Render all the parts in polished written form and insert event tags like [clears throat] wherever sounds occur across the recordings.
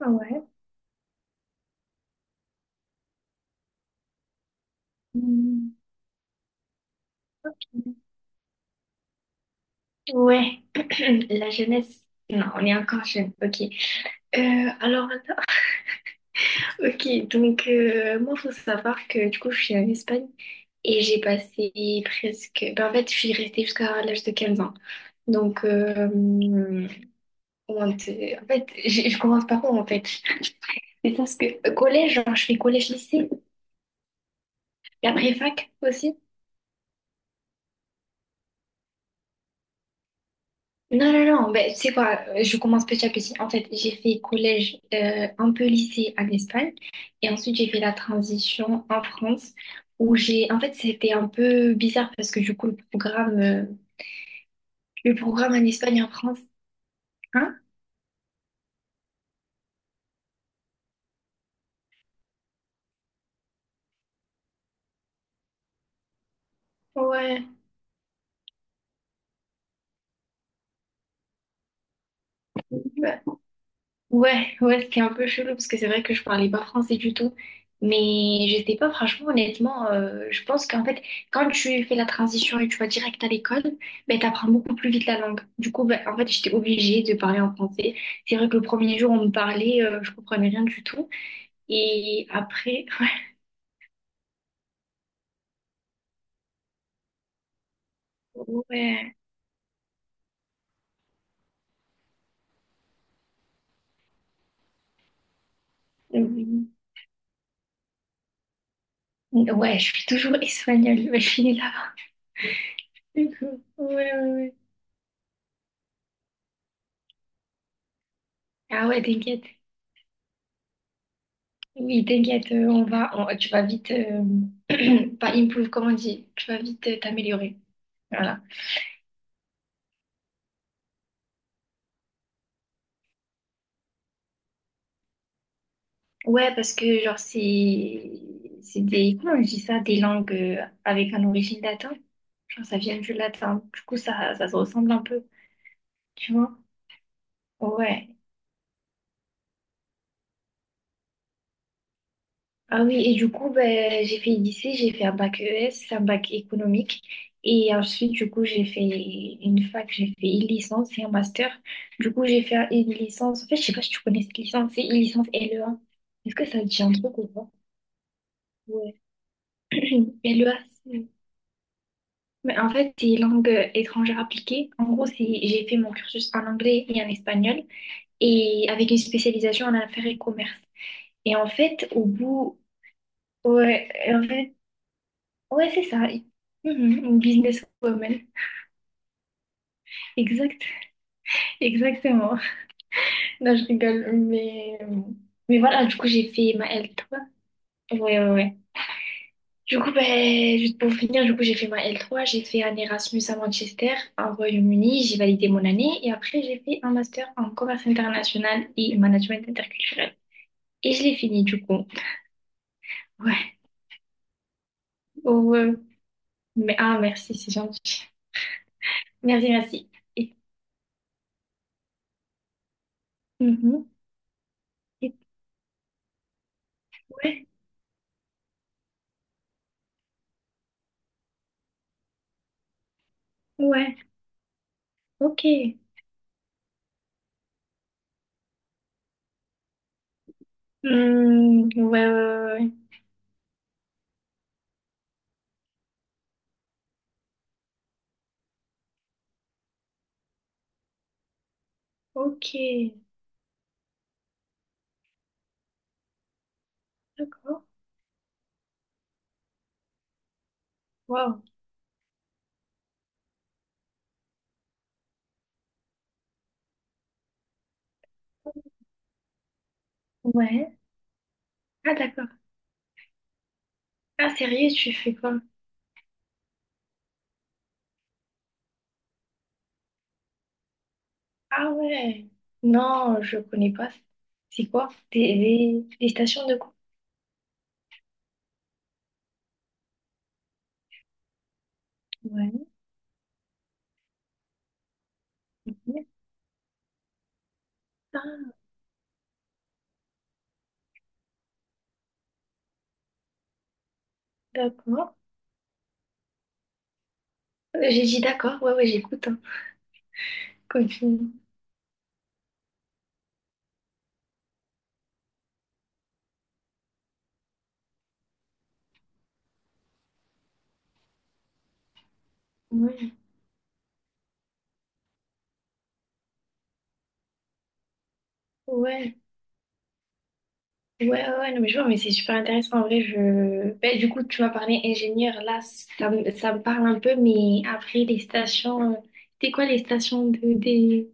Ah ouais. Hmm. Ouais, [clears throat] la jeunesse. Non, on est encore jeune. Ok. Alors, là, ok. Donc, moi, faut savoir que du coup, je suis en Espagne et j'ai passé presque. Ben, en fait, je suis restée jusqu'à l'âge de 15 ans. Donc, en fait, je commence par où en fait? [laughs] C'est parce que collège, genre, je fais collège-lycée et après fac aussi. Non, non, non, ben, tu sais quoi, je commence petit à petit. En fait, j'ai fait collège, un peu lycée en Espagne, et ensuite j'ai fait la transition en France, où j'ai, en fait, c'était un peu bizarre parce que du coup, le programme en Espagne et en France, hein? Ouais, ouais, ouais, ce qui est un peu chelou, parce que c'est vrai que je parlais pas français du tout. Mais je sais pas, franchement, honnêtement, je pense qu'en fait, quand tu fais la transition et tu vas direct à l'école, ben, t'apprends beaucoup plus vite la langue. Du coup, ben, en fait, j'étais obligée de parler en français. C'est vrai que le premier jour, on me parlait, je comprenais rien du tout. Et après, [laughs] ouais, oui, ouais, je suis toujours espagnole, mais je finis là. Du coup, ouais, ouais, ouais. Ah ouais, t'inquiète. Oui, t'inquiète, on va, tu vas vite, [clears throat] pas improve, comment on dit, tu vas vite, t'améliorer. Voilà. Ouais, parce que genre c'est, des, comment on dit ça, des langues, avec un origine latin. Genre ça vient du latin, du coup ça se ressemble un peu, tu vois. Ouais. Ah oui, et du coup, ben, j'ai fait lycée, j'ai fait un bac ES, un bac économique. Et ensuite, du coup, j'ai fait une fac, j'ai fait une licence et un master. Du coup, j'ai fait une licence. En fait, je sais pas si tu connais cette licence, c'est une licence LEA. Est-ce que ça te dit un truc ou pas? Ouais. [clears throat] LEA, c'est- mais en fait, c'est langue étrangère appliquée. En gros, c'est j'ai fait mon cursus en anglais et en espagnol et avec une spécialisation en affaires et commerce. Et en fait, au bout, ouais, et en fait, ouais, c'est ça. Mhm, une businesswoman. Exact, [laughs] exactement. Non, je rigole, mais, voilà, du coup, j'ai fait ma L3. Ouais, ouais, ouais. Du coup, ben, juste pour finir, du coup, j'ai fait ma l trois, j'ai fait un Erasmus à Manchester, au Royaume-Uni, j'ai validé mon année, et après, j'ai fait un master en commerce international et management interculturel. Et je l'ai fini, du coup. Ouais, oh, mais, ah, merci, c'est gentil. Merci, merci. Et, mhm. Et- ouais, ouais, ok. Hmm, ouais, ouais, ouais, ouais. Ok, d'accord. Wow. Ouais. Ah, d'accord. Ah, sérieux, tu fais quoi? Ah, ouais. Non, je connais pas. C'est quoi? Des stations de quoi? Ouais, ouais. Ah, d'accord. J'ai dit d'accord. Ouais, ouais, j'écoute. Hein. Continue. Ouais. Ouais. Ouais, ouais, ouais, non, mais je vois, mais c'est super intéressant. En vrai, je. Ben, du coup, tu m'as parlé ingénieur. Là, ça me parle un peu, mais après, les stations. C'était quoi les stations de, des.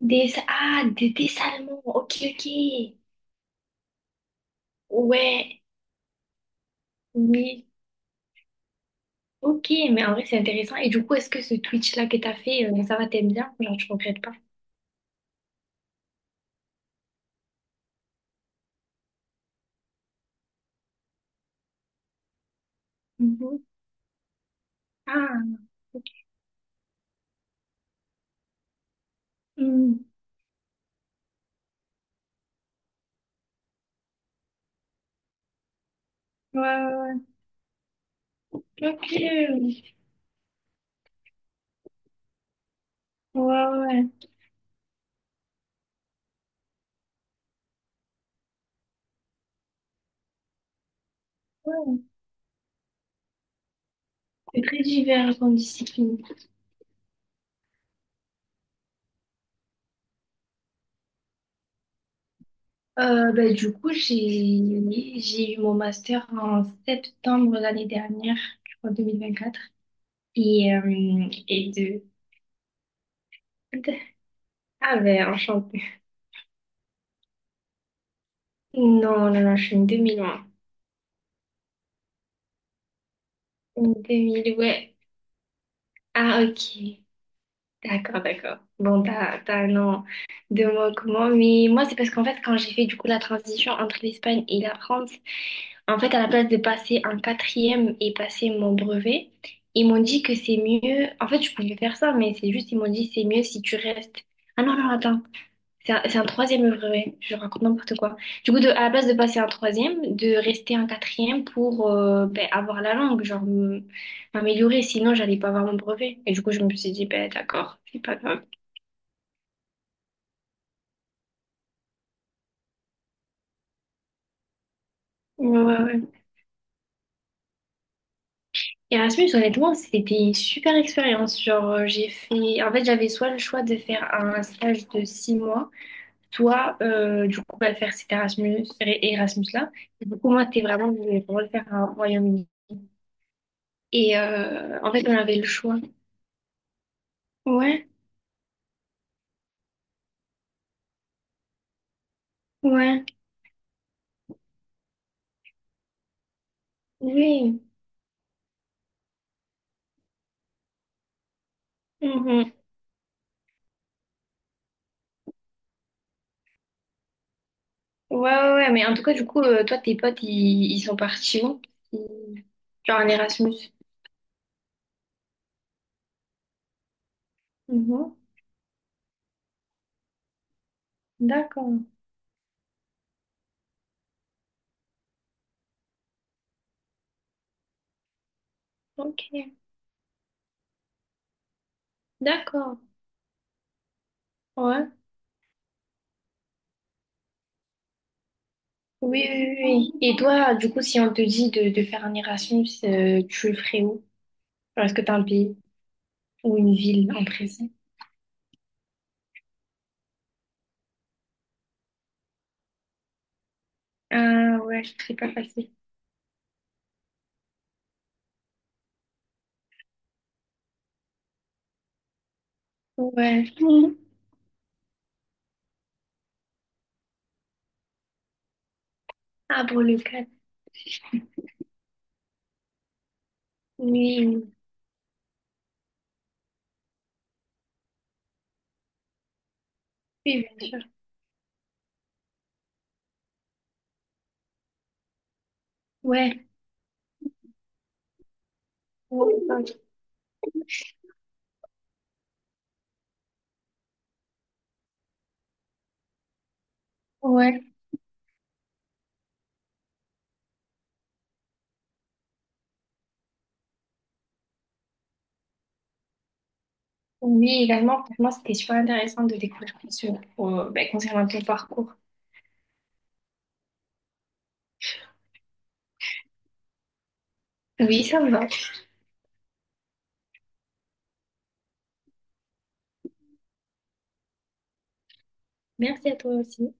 Des salmons, ok, ok. Ouais, oui, ok, mais en vrai, c'est intéressant. Et du coup, est-ce que ce Twitch-là que t'as fait, ça va, t'aimes bien? Genre, tu regrettes pas? Mhm. Ah, ok. Hmm. Ouais, ouais, ouais, ok. Ouais, ouais, ouais. C'est très divers comme discipline. Bah, du coup, j'ai eu mon master en septembre l'année dernière, je crois, 2024. Et de... Ah, ben, enchantée. Non, non, non, je suis une 2001. Une 2000, ouais. Ah, ok. D'accord, d'accord. Bon, t'as un an de moi comment. Mais moi, c'est parce qu'en fait, quand j'ai fait du coup la transition entre l'Espagne et la France, en fait, à la place de passer un quatrième et passer mon brevet, ils m'ont dit que c'est mieux. En fait, je pouvais faire ça, mais c'est juste, ils m'ont dit c'est mieux si tu restes. Ah non, non, attends. C'est un troisième œuvre, ouais. Je raconte n'importe quoi. Du coup, à la place de passer un troisième, de rester un quatrième pour ben, avoir la langue, genre m'améliorer, sinon j'allais pas avoir mon brevet. Et du coup, je me suis dit, ben d'accord, c'est pas grave. Ouais, ouais, ouais. Erasmus, honnêtement, c'était une super expérience. Genre, j'ai fait... En fait, j'avais soit le choix de faire un stage de 6 mois, soit, du coup, ben, faire cet Erasmus, Erasmus-là. Et du coup, moi, c'était vraiment, je voulais vraiment le faire au Royaume-Uni. Et en fait, on avait le choix. Ouais, ouais, oui. Mhm. Ouais, ouais, ouais, mais en tout cas, du coup, toi, tes potes, ils sont partis où? Ils- Genre en Erasmus. Mhm. D'accord, ok, d'accord, ouais. Oui, oui, oui, oui. Et toi, du coup, si on te dit de, faire un Erasmus, tu le ferais où? Genre, est-ce que t'as un pays ou une ville en présent? Ah ouais, c'est pas facile. Ouais. Mhm. Ah, pour le cadre. Oui, oui, oui, bien sûr. Ouais. Ouais. Oui, également, franchement, c'était super intéressant de découvrir plus sur, ben, concernant ton parcours. Oui, ça me va. Merci à toi aussi.